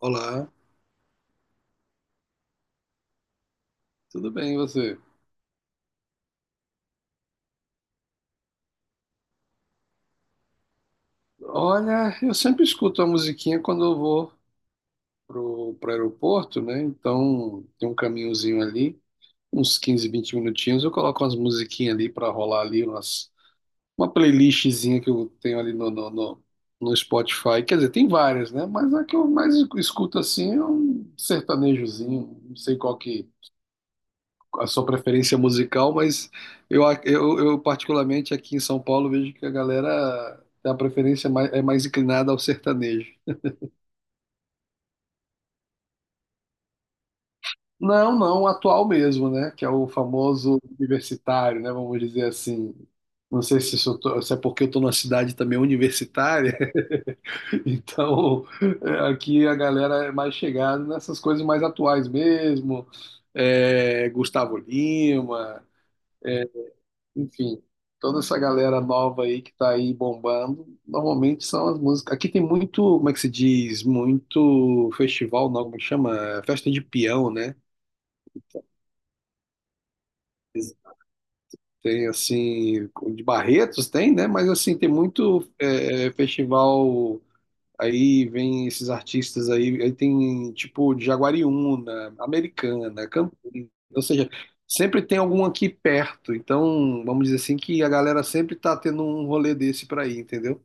Olá, tudo bem e você? Olha, eu sempre escuto a musiquinha quando eu vou pro aeroporto, né? Então tem um caminhozinho ali, uns 15, 20 minutinhos, eu coloco umas musiquinhas ali pra rolar ali, umas, uma playlistzinha que eu tenho ali no Spotify. Quer dizer, tem várias, né? Mas a que eu mais escuto assim é um sertanejozinho, não sei qual que, a sua preferência musical, mas eu particularmente aqui em São Paulo vejo que a galera tem a preferência mais, é mais inclinada ao sertanejo. Não, não, o atual mesmo, né? Que é o famoso universitário, né? Vamos dizer assim. Não sei se, se é porque eu tô numa cidade também universitária, então é, aqui a galera é mais chegada nessas coisas mais atuais mesmo. É, Gustavo Lima. Enfim, toda essa galera nova aí que tá aí bombando, normalmente são as músicas. Aqui tem muito, como é que se diz? Muito festival, não, como é que chama? Festa de peão, né? Tem assim, de Barretos tem, né? Mas assim, tem muito festival aí, vem esses artistas aí, aí tem tipo de Jaguariúna, Americana, Campinas, ou seja, sempre tem algum aqui perto. Então, vamos dizer assim que a galera sempre tá tendo um rolê desse pra ir, entendeu?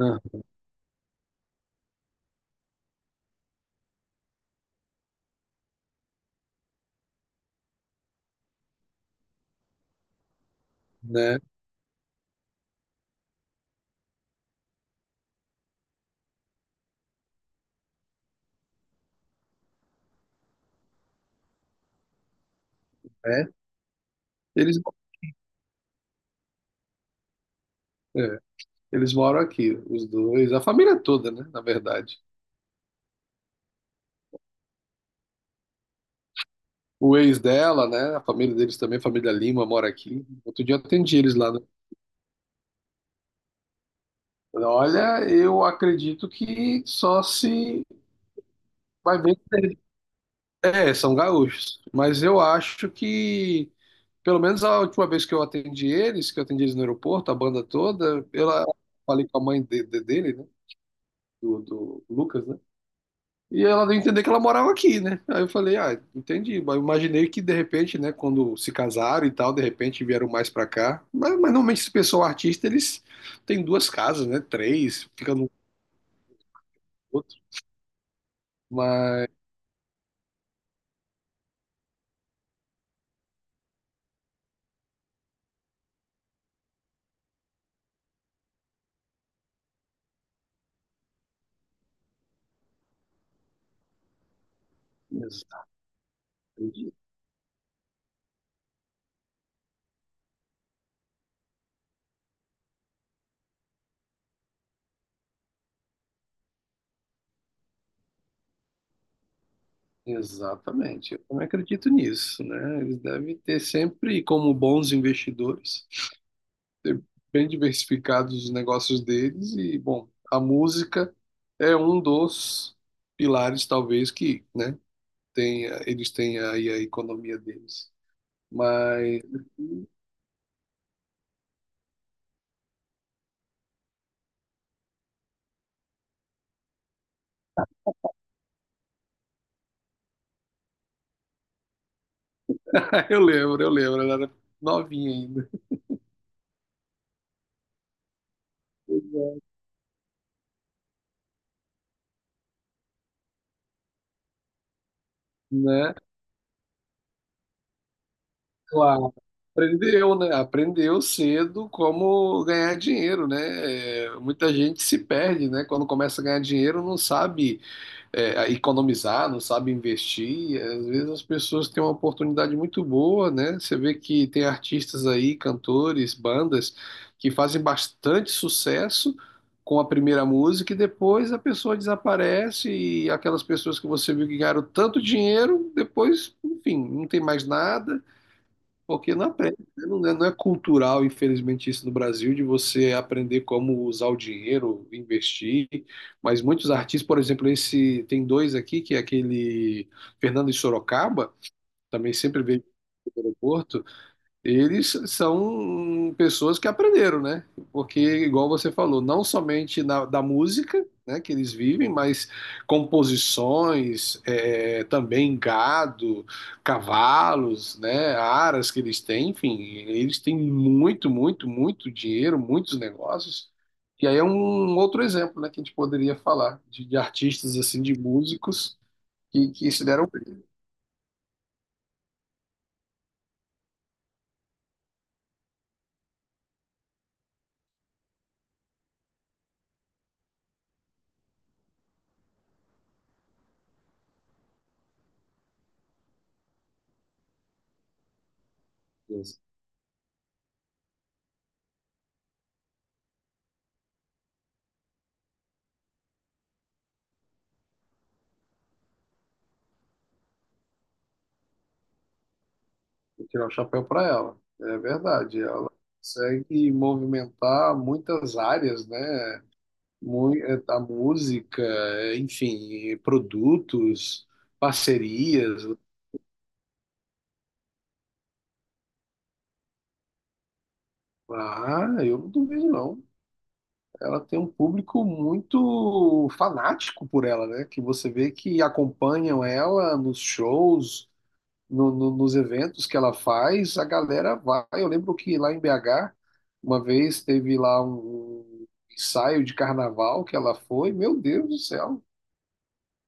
Ah, né? É. Eles, é, eles moram aqui, os dois, a família toda, né? Na verdade. O ex dela, né? A família deles também, a família Lima, mora aqui. Outro dia eu atendi eles lá, né? Olha, eu acredito que só se vai ver. É, são gaúchos. Mas eu acho que, pelo menos a última vez que eu atendi eles, que eu atendi eles no aeroporto, a banda toda, eu falei com a mãe dele, né? Do Lucas, né? E ela deu a entender que ela morava aqui, né? Aí eu falei, ah, entendi. Mas eu imaginei que de repente, né, quando se casaram e tal, de repente vieram mais pra cá. Mas normalmente esse pessoal artista, eles têm duas casas, né? Três, fica no outro. Mas exa- exatamente, eu também acredito nisso, né? Eles devem ter sempre, como bons investidores, ter bem diversificados os negócios deles e, bom, a música é um dos pilares, talvez, que, né? tem, eles têm aí a economia deles. Mas eu lembro, ela era novinha ainda, né? Claro, aprendeu, né? Aprendeu cedo como ganhar dinheiro, né? É, muita gente se perde, né? Quando começa a ganhar dinheiro, não sabe economizar, não sabe investir. Às vezes as pessoas têm uma oportunidade muito boa, né? Você vê que tem artistas aí, cantores, bandas, que fazem bastante sucesso com a primeira música e depois a pessoa desaparece e aquelas pessoas que você viu que ganharam tanto dinheiro, depois, enfim, não tem mais nada. Porque não aprende, né? Não é cultural, infelizmente, isso no Brasil, de você aprender como usar o dinheiro, investir. Mas muitos artistas, por exemplo, esse tem dois aqui, que é aquele Fernando de Sorocaba, também sempre veio do aeroporto, eles são pessoas que aprenderam, né? Porque, igual você falou, não somente da música, né, que eles vivem, mas composições, também gado, cavalos, né, aras que eles têm, enfim, eles têm muito, muito, muito dinheiro, muitos negócios. E aí é um outro exemplo, né, que a gente poderia falar de artistas assim, de músicos que se deram bem. Vou tirar o chapéu para ela. É verdade, ela consegue movimentar muitas áreas, né? A música, enfim, e produtos, parcerias. Ah, eu não duvido, não. Ela tem um público muito fanático por ela, né? Que você vê que acompanham ela nos shows, nos eventos que ela faz, a galera vai. Eu lembro que lá em BH, uma vez teve lá um ensaio de carnaval que ela foi, meu Deus do céu,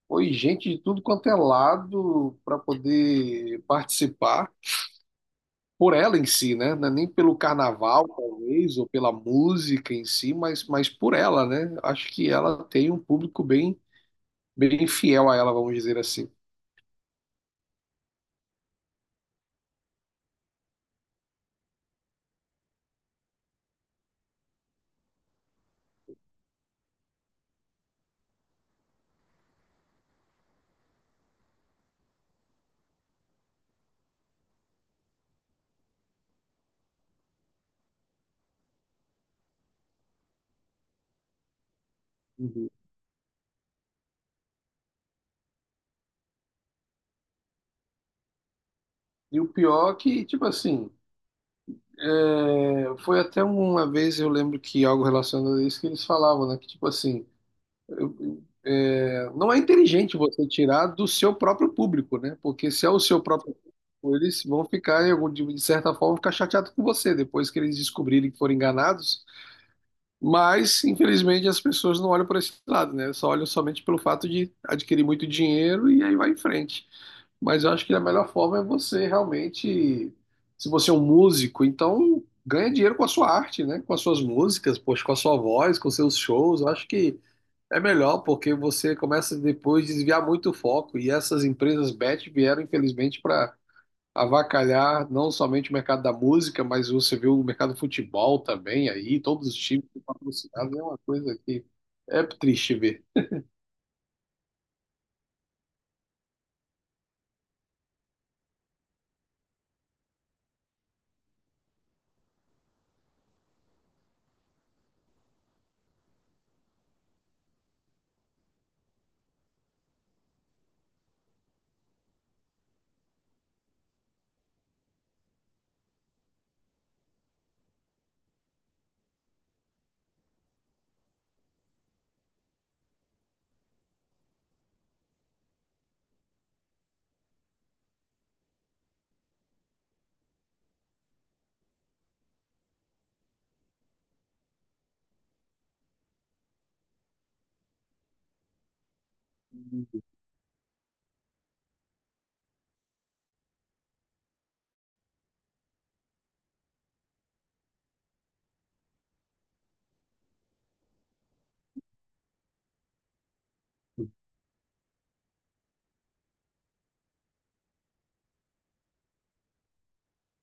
foi gente de tudo quanto é lado para poder participar. Por ela em si, né? Não é nem pelo carnaval, talvez, ou pela música em si, mas por ela, né? Acho que ela tem um público bem, bem fiel a ela, vamos dizer assim. Uhum. E o pior é que, tipo assim, é, foi até uma vez, eu lembro que algo relacionado a isso que eles falavam, né? Que tipo assim, não é inteligente você tirar do seu próprio público, né? Porque se é o seu próprio público, eles vão ficar, de certa forma, ficar chateados com você. Depois que eles descobrirem que foram enganados, mas, infelizmente, as pessoas não olham por esse lado, né? Só olham somente pelo fato de adquirir muito dinheiro e aí vai em frente. Mas eu acho que a melhor forma é você realmente, se você é um músico, então ganha dinheiro com a sua arte, né? Com as suas músicas, poxa, com a sua voz, com seus shows. Eu acho que é melhor porque você começa depois a desviar muito o foco e essas empresas bet vieram, infelizmente, para avacalhar não somente o mercado da música, mas você vê o mercado do futebol também aí, todos os times patrocinados, é uma coisa que é triste ver.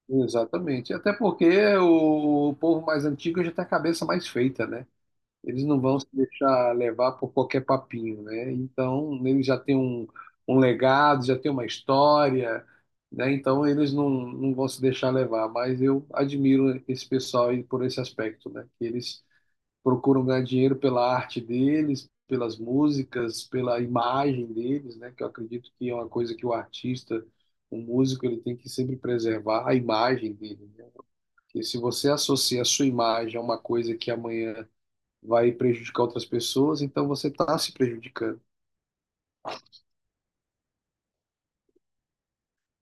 Exatamente. Até porque o povo mais antigo já tem a cabeça mais feita, né? Eles não vão se deixar levar por qualquer papinho, né? Então, eles já têm um, um legado, já têm uma história, né? Então, eles não vão se deixar levar. Mas eu admiro esse pessoal aí por esse aspecto, né? Que eles procuram ganhar dinheiro pela arte deles, pelas músicas, pela imagem deles, né? Que eu acredito que é uma coisa que o artista, o músico, ele tem que sempre preservar a imagem dele, né? Porque se você associa a sua imagem a uma coisa que amanhã vai prejudicar outras pessoas, então você está se prejudicando.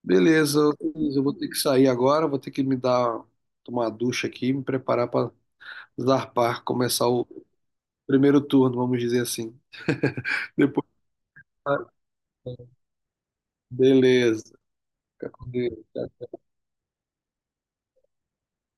Beleza, Luiz, eu vou ter que sair agora, vou ter que me dar tomar uma ducha aqui, me preparar para zarpar, começar o primeiro turno, vamos dizer assim. Depois, beleza. Fica com Deus.